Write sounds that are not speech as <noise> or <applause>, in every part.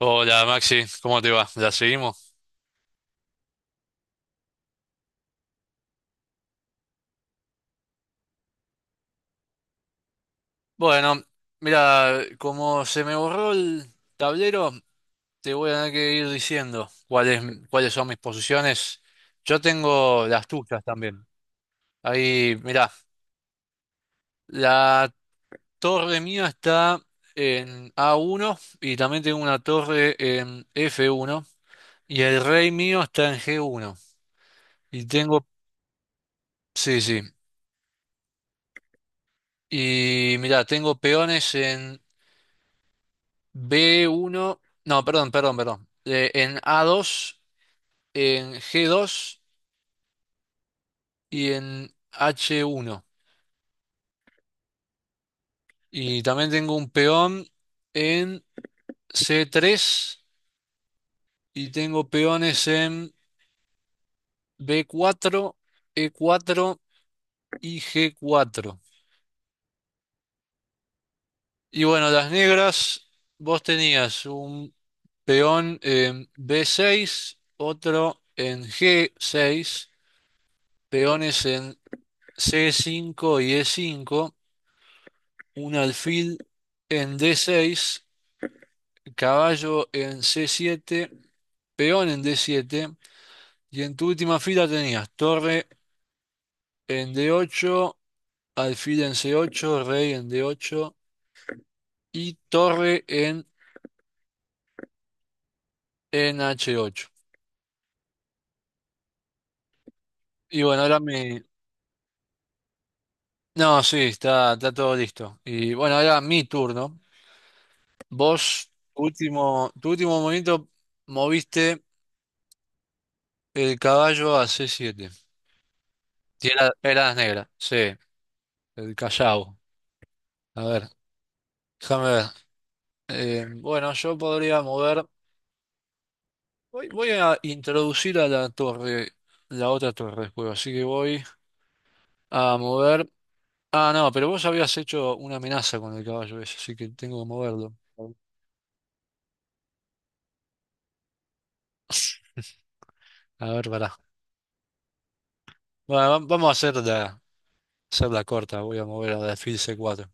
Hola Maxi, ¿cómo te va? ¿Ya seguimos? Bueno, mira, como se me borró el tablero, te voy a tener que ir diciendo cuáles son mis posiciones. Yo tengo las tuyas también. Ahí, mira, la torre mía está en A1 y también tengo una torre en F1 y el rey mío está en G1. Y tengo, sí, sí. Y mira, tengo peones en B1, no, perdón, perdón, perdón. En A2, en G2 y en H1. Y también tengo un peón en C3 y tengo peones en B4, E4 y G4. Y bueno, las negras, vos tenías un peón en B6, otro en G6, peones en C5 y E5. Un alfil en D6, caballo en C7, peón en D7, y en tu última fila tenías torre en D8, alfil en C8, rey en D8 y torre en H8. Y bueno, ahora, mi no, sí, está todo listo. Y bueno, ahora mi turno. Vos, tu último movimiento, moviste el caballo a C7. Y era negra, sí, el Callao. A ver. Déjame ver. Bueno, yo podría mover. Voy a introducir a la torre, la otra torre del juego, así que voy a mover. Ah, no, pero vos habías hecho una amenaza con el caballo ese, así que tengo que moverlo. A ver, pará. Bueno, vamos a hacer la corta, voy a mover al alfil C4.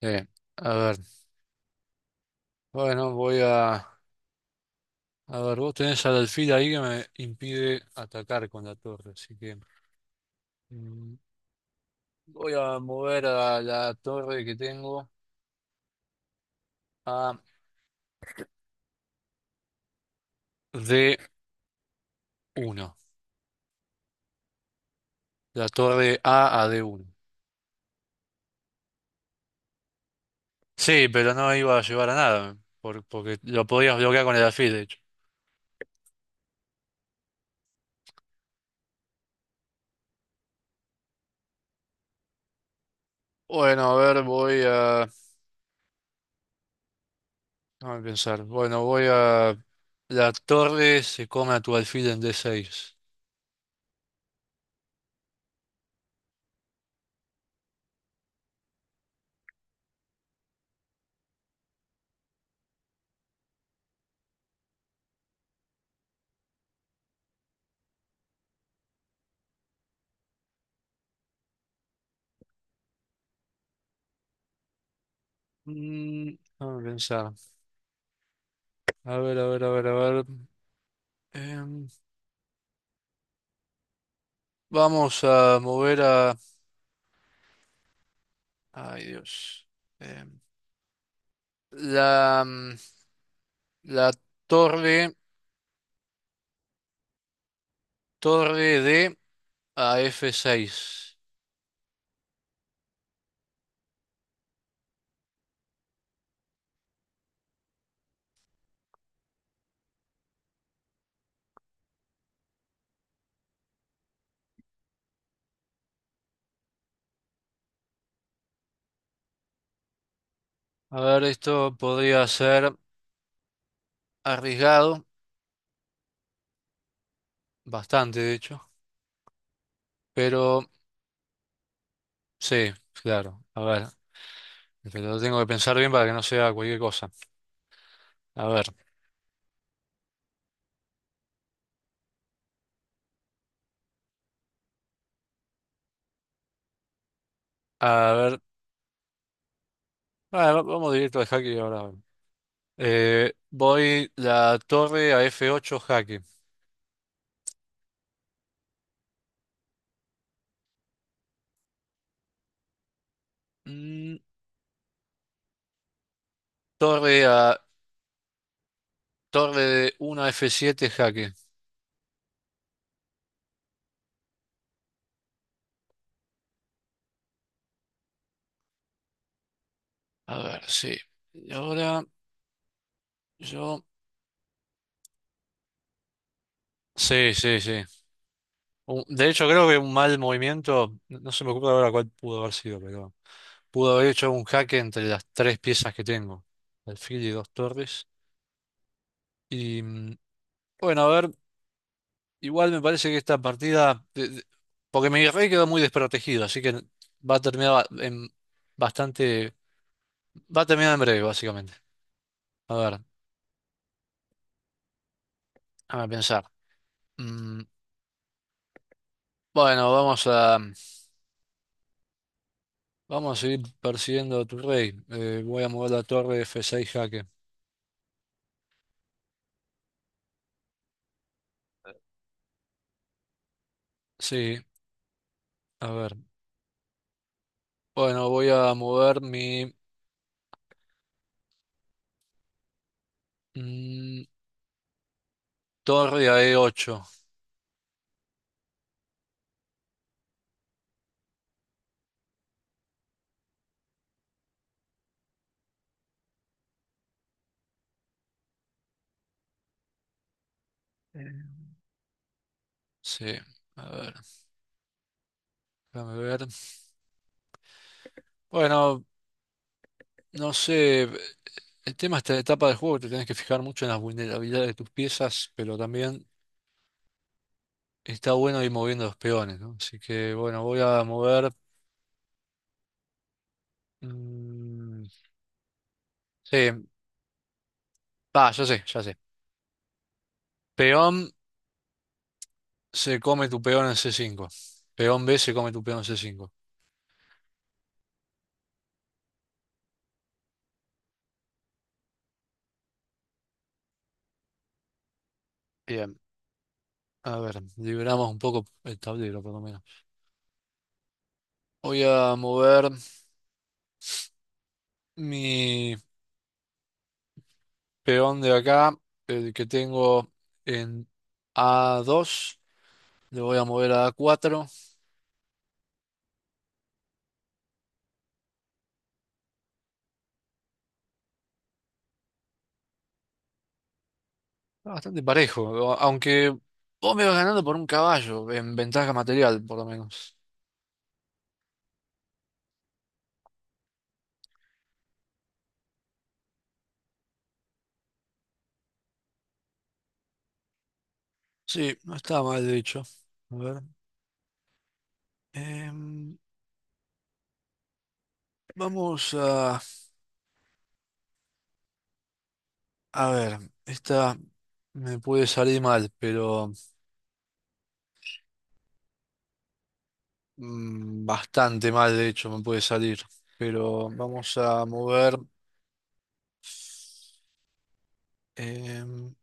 Eh, a ver, bueno, voy a... A ver, vos tenés al alfil ahí que me impide atacar con la torre, así que... mm, voy a mover a la torre que tengo. A, d uno La torre A a D1. Sí, pero no iba a llevar a nada, porque lo podías bloquear con el alfil, de hecho. Bueno, a ver, voy a... Déjame pensar. Bueno, voy a... La torre se come a tu alfil en D6. Déjame pensar. A ver, a ver, a ver, a ver. Em, Vamos a mover a... Ay, Dios. Em, la, mm, la torre, torre D a F6. A ver, esto podría ser arriesgado, bastante de hecho, pero sí, claro. A ver, pero tengo que pensar bien para que no sea cualquier cosa. A ver, a ver, ah, vamos directo al jaque ahora. Voy la torre a F8 jaque. Mm, torre a Torre de 1 a F7 jaque. A ver, sí. Y ahora yo... Sí, sí, sí. De hecho, creo que un mal movimiento, no se me ocurre ahora cuál pudo haber sido, pero... Pudo haber hecho un jaque entre las tres piezas que tengo, alfil y dos torres. Y bueno, a ver, igual me parece que esta partida, porque mi rey quedó muy desprotegido, así que va a terminar en bastante, va a terminar en breve, básicamente. A ver, a pensar. Mm, bueno, vamos a seguir persiguiendo a tu rey. Voy a mover la torre F6 jaque. Sí, a ver. Bueno, voy a mover mi mm, torre a E8. Sí, a ver, déjame ver. Bueno, no sé, el tema de esta etapa del juego, te tenés que fijar mucho en las vulnerabilidades de tus piezas, pero también está bueno ir moviendo los peones, ¿no? Así que bueno, voy a mover... mm, sí, ah, ya sé, ya sé. Peón se come tu peón en C5. Peón B se come tu peón en C5. Bien, a ver, liberamos un poco el tablero por lo menos. Voy a mover mi... peón de acá, el que tengo en A2, le voy a mover a A4. Está bastante parejo, aunque vos me vas ganando por un caballo, en ventaja material, por lo menos. Sí, no está mal, de hecho. A ver. em, Vamos a... A ver, esta me puede salir mal, pero... bastante mal, de hecho, me puede salir. Pero vamos a mover... em,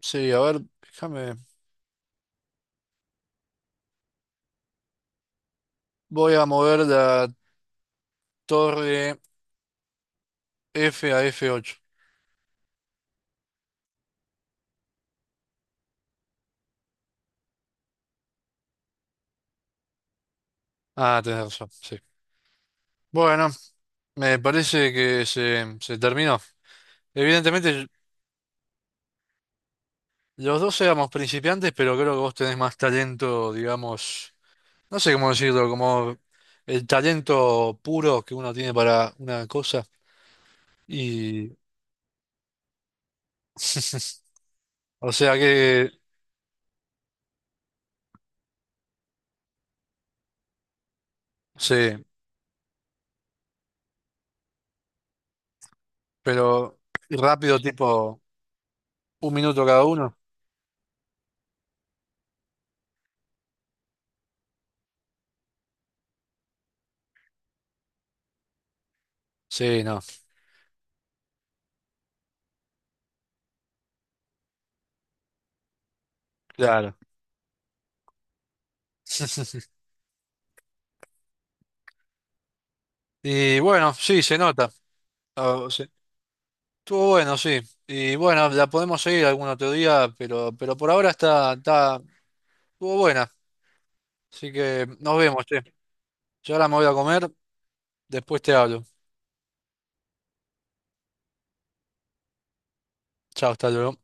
sí, a ver, déjame... Voy a mover la torre F a F8. Ah, tenés razón, sí. Bueno, me parece que se terminó. Evidentemente, los dos éramos principiantes, pero creo que vos tenés más talento, digamos, no sé cómo decirlo, como el talento puro que uno tiene para una cosa. Y, <laughs> o sea que, sí, pero rápido, tipo un minuto cada uno. Sí, no, claro. <laughs> Y bueno, sí, se nota. Ah, estuvo bueno, sí. Y bueno, la podemos seguir algún otro día, pero por ahora estuvo buena. Así que nos vemos, che. Yo ahora me voy a comer, después te hablo. Chao, hasta luego.